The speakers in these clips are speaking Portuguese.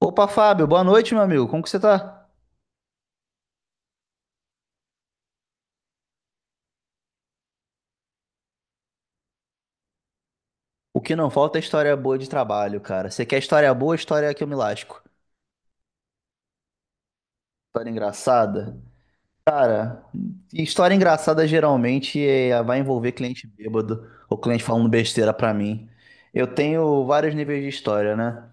Opa, Fábio, boa noite, meu amigo. Como que você tá? O que não falta é história boa de trabalho, cara. Você quer história boa, história que eu me lasco. História engraçada? Cara, história engraçada geralmente vai envolver cliente bêbado ou cliente falando besteira pra mim. Eu tenho vários níveis de história, né?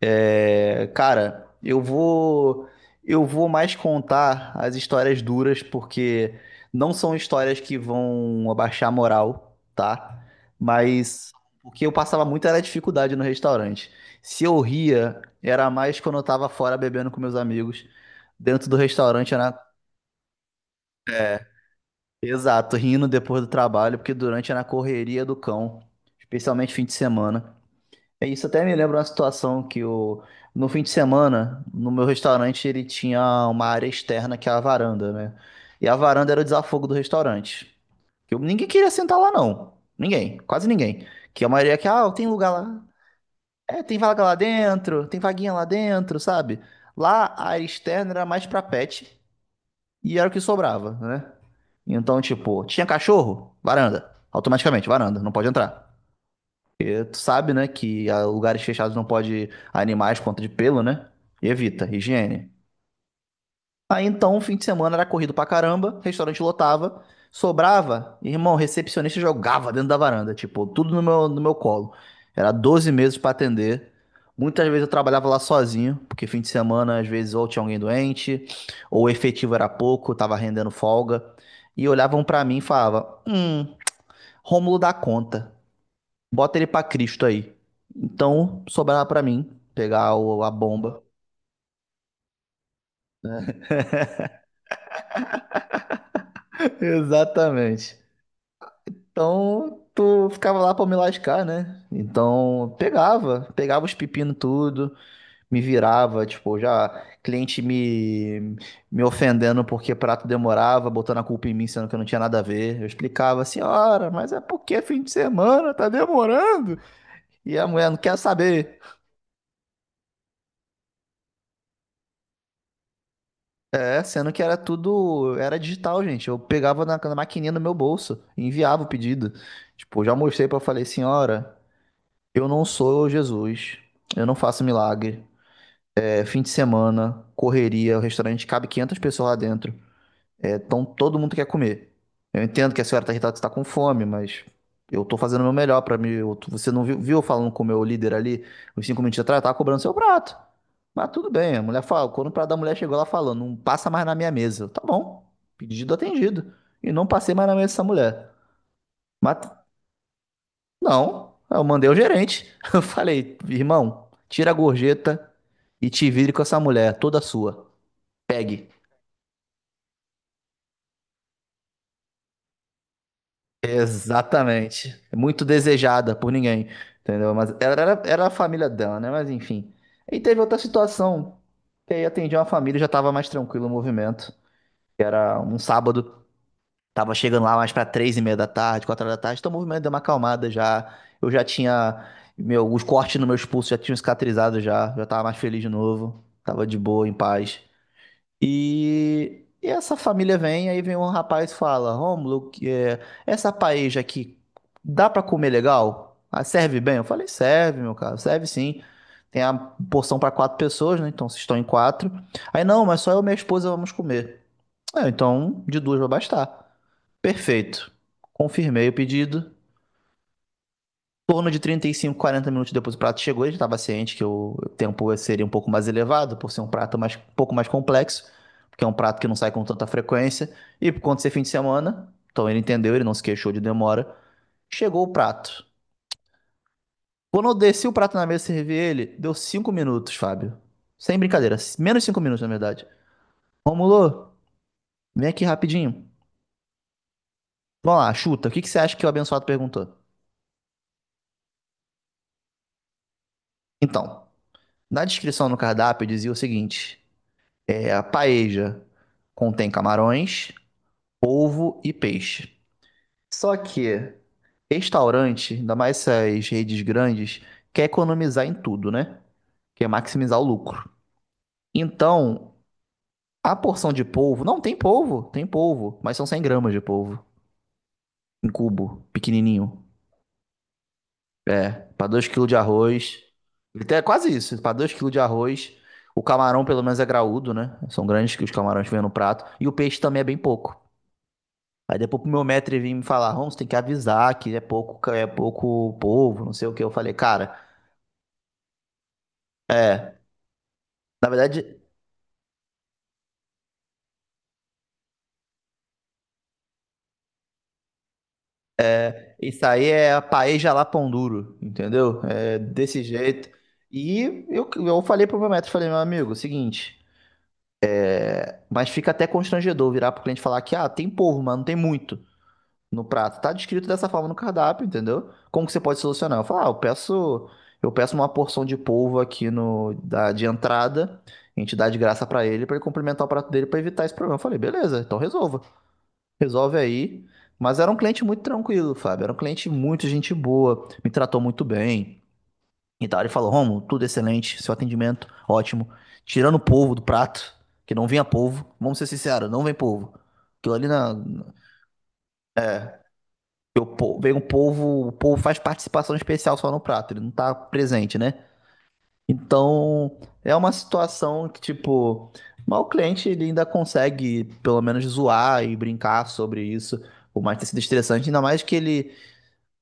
É, cara, eu vou mais contar as histórias duras porque não são histórias que vão abaixar a moral, tá? Mas o que eu passava muito era dificuldade no restaurante. Se eu ria, era mais quando eu tava fora bebendo com meus amigos. Dentro do restaurante era exato, rindo depois do trabalho, porque durante era na correria do cão, especialmente fim de semana. É, isso até me lembra uma situação no fim de semana, no meu restaurante, ele tinha uma área externa que é a varanda, né? E a varanda era o desafogo do restaurante. Ninguém queria sentar lá, não. Ninguém, quase ninguém. Que a maioria é que, ah, tem lugar lá. É, tem vaga lá dentro, tem vaguinha lá dentro, sabe? Lá a área externa era mais pra pet e era o que sobrava, né? Então, tipo, tinha cachorro? Varanda. Automaticamente, varanda, não pode entrar. Tu sabe, né, que a lugares fechados não pode animais por conta de pelo, né? E evita, higiene. Aí então, o fim de semana era corrido pra caramba, restaurante lotava, sobrava, irmão, recepcionista jogava dentro da varanda, tipo, tudo no meu colo. Era 12 meses pra atender. Muitas vezes eu trabalhava lá sozinho, porque fim de semana, às vezes, ou tinha alguém doente, ou o efetivo era pouco, tava rendendo folga. E olhavam pra mim e falavam: Rômulo dá conta. Bota ele pra Cristo aí. Então, sobrava pra mim pegar a bomba. Exatamente. Então, tu ficava lá pra me lascar, né? Então, pegava, pegava os pepinos tudo, me virava, tipo, já cliente me ofendendo porque prato demorava, botando a culpa em mim, sendo que eu não tinha nada a ver. Eu explicava, senhora, mas é porque é fim de semana, tá demorando. E a mulher não quer saber. É, sendo que era tudo, era digital, gente. Eu pegava na maquininha no meu bolso e enviava o pedido. Tipo, eu já mostrei pra falei, senhora, eu não sou Jesus, eu não faço milagre. É fim de semana, correria, o restaurante cabe 500 pessoas lá dentro. É, então todo mundo quer comer. Eu entendo que a senhora está irritada, que está com fome, mas eu estou fazendo o meu melhor para mim. Você não viu, viu eu falando com o meu líder ali, uns 5 minutos atrás, eu tava cobrando seu prato. Mas tudo bem, a mulher fala, quando o prato da mulher chegou lá falando, não passa mais na minha mesa. Eu, tá bom, pedido atendido. E não passei mais na mesa dessa mulher. Mas não, eu mandei o gerente. Eu falei, irmão, tira a gorjeta e te vire com essa mulher, toda sua. Exatamente. Muito desejada por ninguém, entendeu? Mas ela era, era a família dela, né? Mas enfim. E teve outra situação, que aí atendi uma família, e já tava mais tranquilo o movimento. Que era um sábado, tava chegando lá mais pra 3:30 da tarde, 4 horas da tarde, então o movimento deu uma acalmada já. Eu já tinha, meu, os cortes no meus pulsos já tinham cicatrizado já, já tava mais feliz de novo, tava de boa, em paz. E essa família vem, aí vem um rapaz e fala: Rômulo, que é, essa paella aqui dá pra comer legal? Ah, serve bem? Eu falei: serve, meu caro, serve sim. Tem a porção pra 4 pessoas, né? Então vocês estão em quatro. Aí não, mas só eu e minha esposa vamos comer. É, então de duas vai bastar. Perfeito. Confirmei o pedido torno de 35, 40 minutos depois o prato chegou, ele estava ciente que o tempo seria um pouco mais elevado, por ser um prato mais, um pouco mais complexo, porque é um prato que não sai com tanta frequência, e por conta de ser fim de semana, então ele entendeu, ele não se queixou de demora, chegou o prato. Quando eu desci o prato na mesa e servi ele, deu 5 minutos, Fábio. Sem brincadeira, menos 5 minutos, na verdade. Romulo, vem aqui rapidinho. Vamos lá, chuta, o que, que você acha que o abençoado perguntou? Então, na descrição no cardápio dizia o seguinte: é, a paeja contém camarões, polvo e peixe. Só que restaurante, ainda mais essas redes grandes, quer economizar em tudo, né? Quer maximizar o lucro. Então, a porção de polvo, não tem polvo, tem polvo, mas são 100 gramas de polvo em cubo, pequenininho. É, para 2 quilos de arroz. É quase isso, para 2 quilos de arroz. O camarão, pelo menos, é graúdo, né? São grandes que os camarões que vêm no prato. E o peixe também é bem pouco. Aí depois pro meu mestre vir me falar, Holmes, tem que avisar que é pouco povo, não sei o que. Eu falei, cara, na verdade, isso aí é a paeja lá pão duro, entendeu? É desse jeito. E eu falei pro meu mestre, falei, meu amigo, seguinte, mas fica até constrangedor virar pro cliente e falar que, ah, tem povo, mas não tem muito. No prato. Tá descrito dessa forma no cardápio, entendeu? Como que você pode solucionar? Eu falo, ah, eu peço uma porção de polvo aqui no da de entrada, a gente dá de graça pra ele complementar o prato dele pra evitar esse problema. Eu falei, beleza, então resolva. Resolve aí. Mas era um cliente muito tranquilo, Fábio. Era um cliente muito gente boa, me tratou muito bem. Então ele falou, Romo, tudo excelente, seu atendimento ótimo. Tirando o polvo do prato, que não vinha polvo. Vamos ser sinceros, não vem polvo. Aquilo ali na, o povo, vem o povo faz participação especial só no prato, ele não tá presente, né? Então, é uma situação que, tipo, mas o cliente ele ainda consegue, pelo menos, zoar e brincar sobre isso, por mais ter sido estressante, ainda mais que ele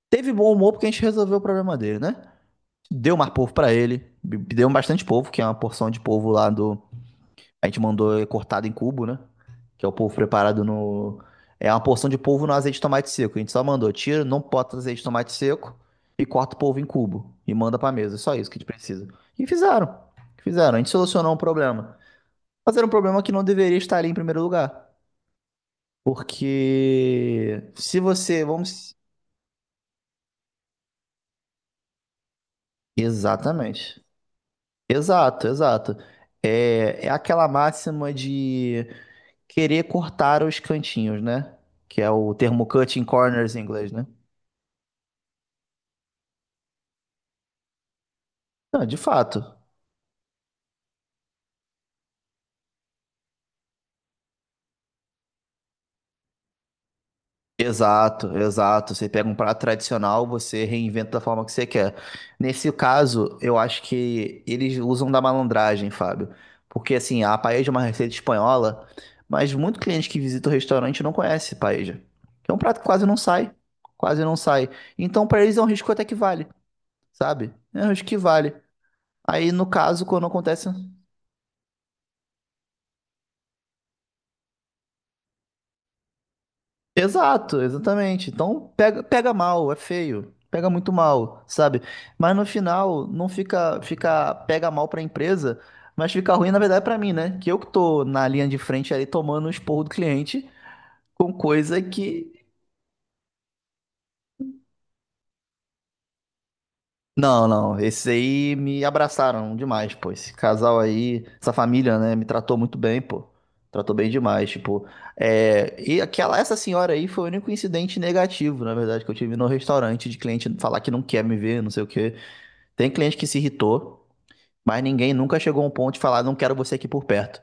teve bom humor porque a gente resolveu o problema dele, né? Deu mais povo para ele, deu bastante povo, que é uma porção de povo lá do, a gente mandou cortado em cubo, né? Que é o polvo preparado no. É uma porção de polvo no azeite de tomate seco. A gente só mandou, tira, não bota azeite de tomate seco e corta o polvo em cubo e manda pra mesa. É só isso que a gente precisa. E fizeram. Fizeram. A gente solucionou um problema. Mas era um problema que não deveria estar ali em primeiro lugar. Porque se você. Vamos. Exatamente. Exato, exato. É, é aquela máxima de querer cortar os cantinhos, né? Que é o termo cutting corners em inglês, né? Não, de fato. Exato, exato. Você pega um prato tradicional, você reinventa da forma que você quer. Nesse caso, eu acho que eles usam da malandragem, Fábio. Porque assim, a paella é uma receita espanhola, mas muito cliente que visita o restaurante não conhece paella. É um prato que quase não sai, quase não sai. Então, para eles é um risco até que vale. Sabe? Eu acho que vale. Aí, no caso, quando acontece. Um exato, exatamente. Então, pega, pega mal, é feio. Pega muito mal, sabe? Mas no final, não fica, fica pega mal pra empresa, mas fica ruim, na verdade, pra mim, né? Que eu que tô na linha de frente ali tomando o esporro do cliente com coisa que não, não. Esses aí me abraçaram demais, pô. Esse casal aí, essa família, né, me tratou muito bem, pô. Tratou bem demais, tipo. É... E essa senhora aí foi o único incidente negativo, na verdade, que eu tive no restaurante de cliente falar que não quer me ver, não sei o quê. Tem cliente que se irritou, mas ninguém nunca chegou a um ponto de falar, não quero você aqui por perto.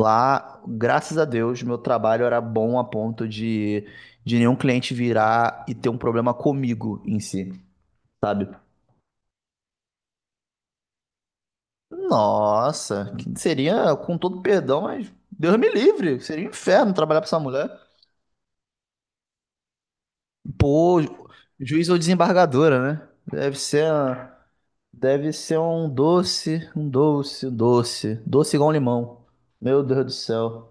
Lá, graças a Deus, meu trabalho era bom a ponto de nenhum cliente virar e ter um problema comigo em si sabe? Nossa, que seria, com todo perdão, mas Deus me livre, seria um inferno trabalhar pra essa mulher. Pô, juiz ou desembargadora, né? Deve ser um doce, um doce, um doce, doce igual um limão. Meu Deus do céu.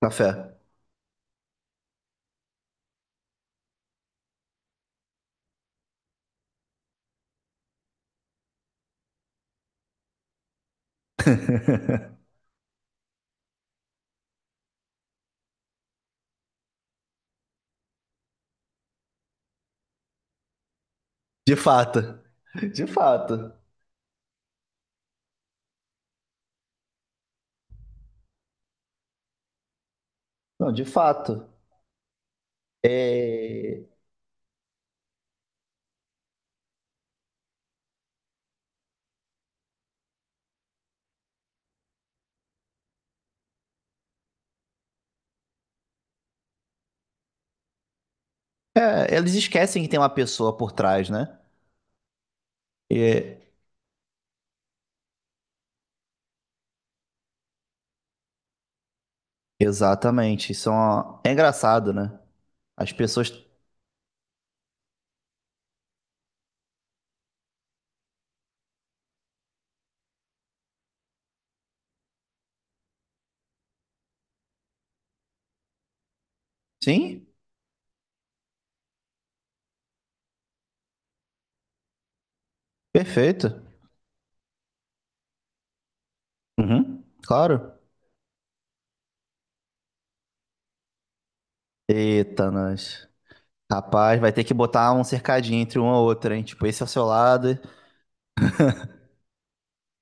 Café. De fato. De fato. Não, de fato. É, é, eles esquecem que tem uma pessoa por trás, né? É, exatamente. Isso é, uma- é engraçado, né? As pessoas. Sim, perfeito. Uhum, claro. Eita, nós. Rapaz, vai ter que botar um cercadinho entre uma e outra, hein? Tipo, esse é o seu lado.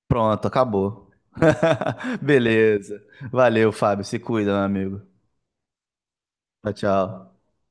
Pronto, acabou. Beleza. Valeu, Fábio. Se cuida, meu amigo. Tchau, tchau.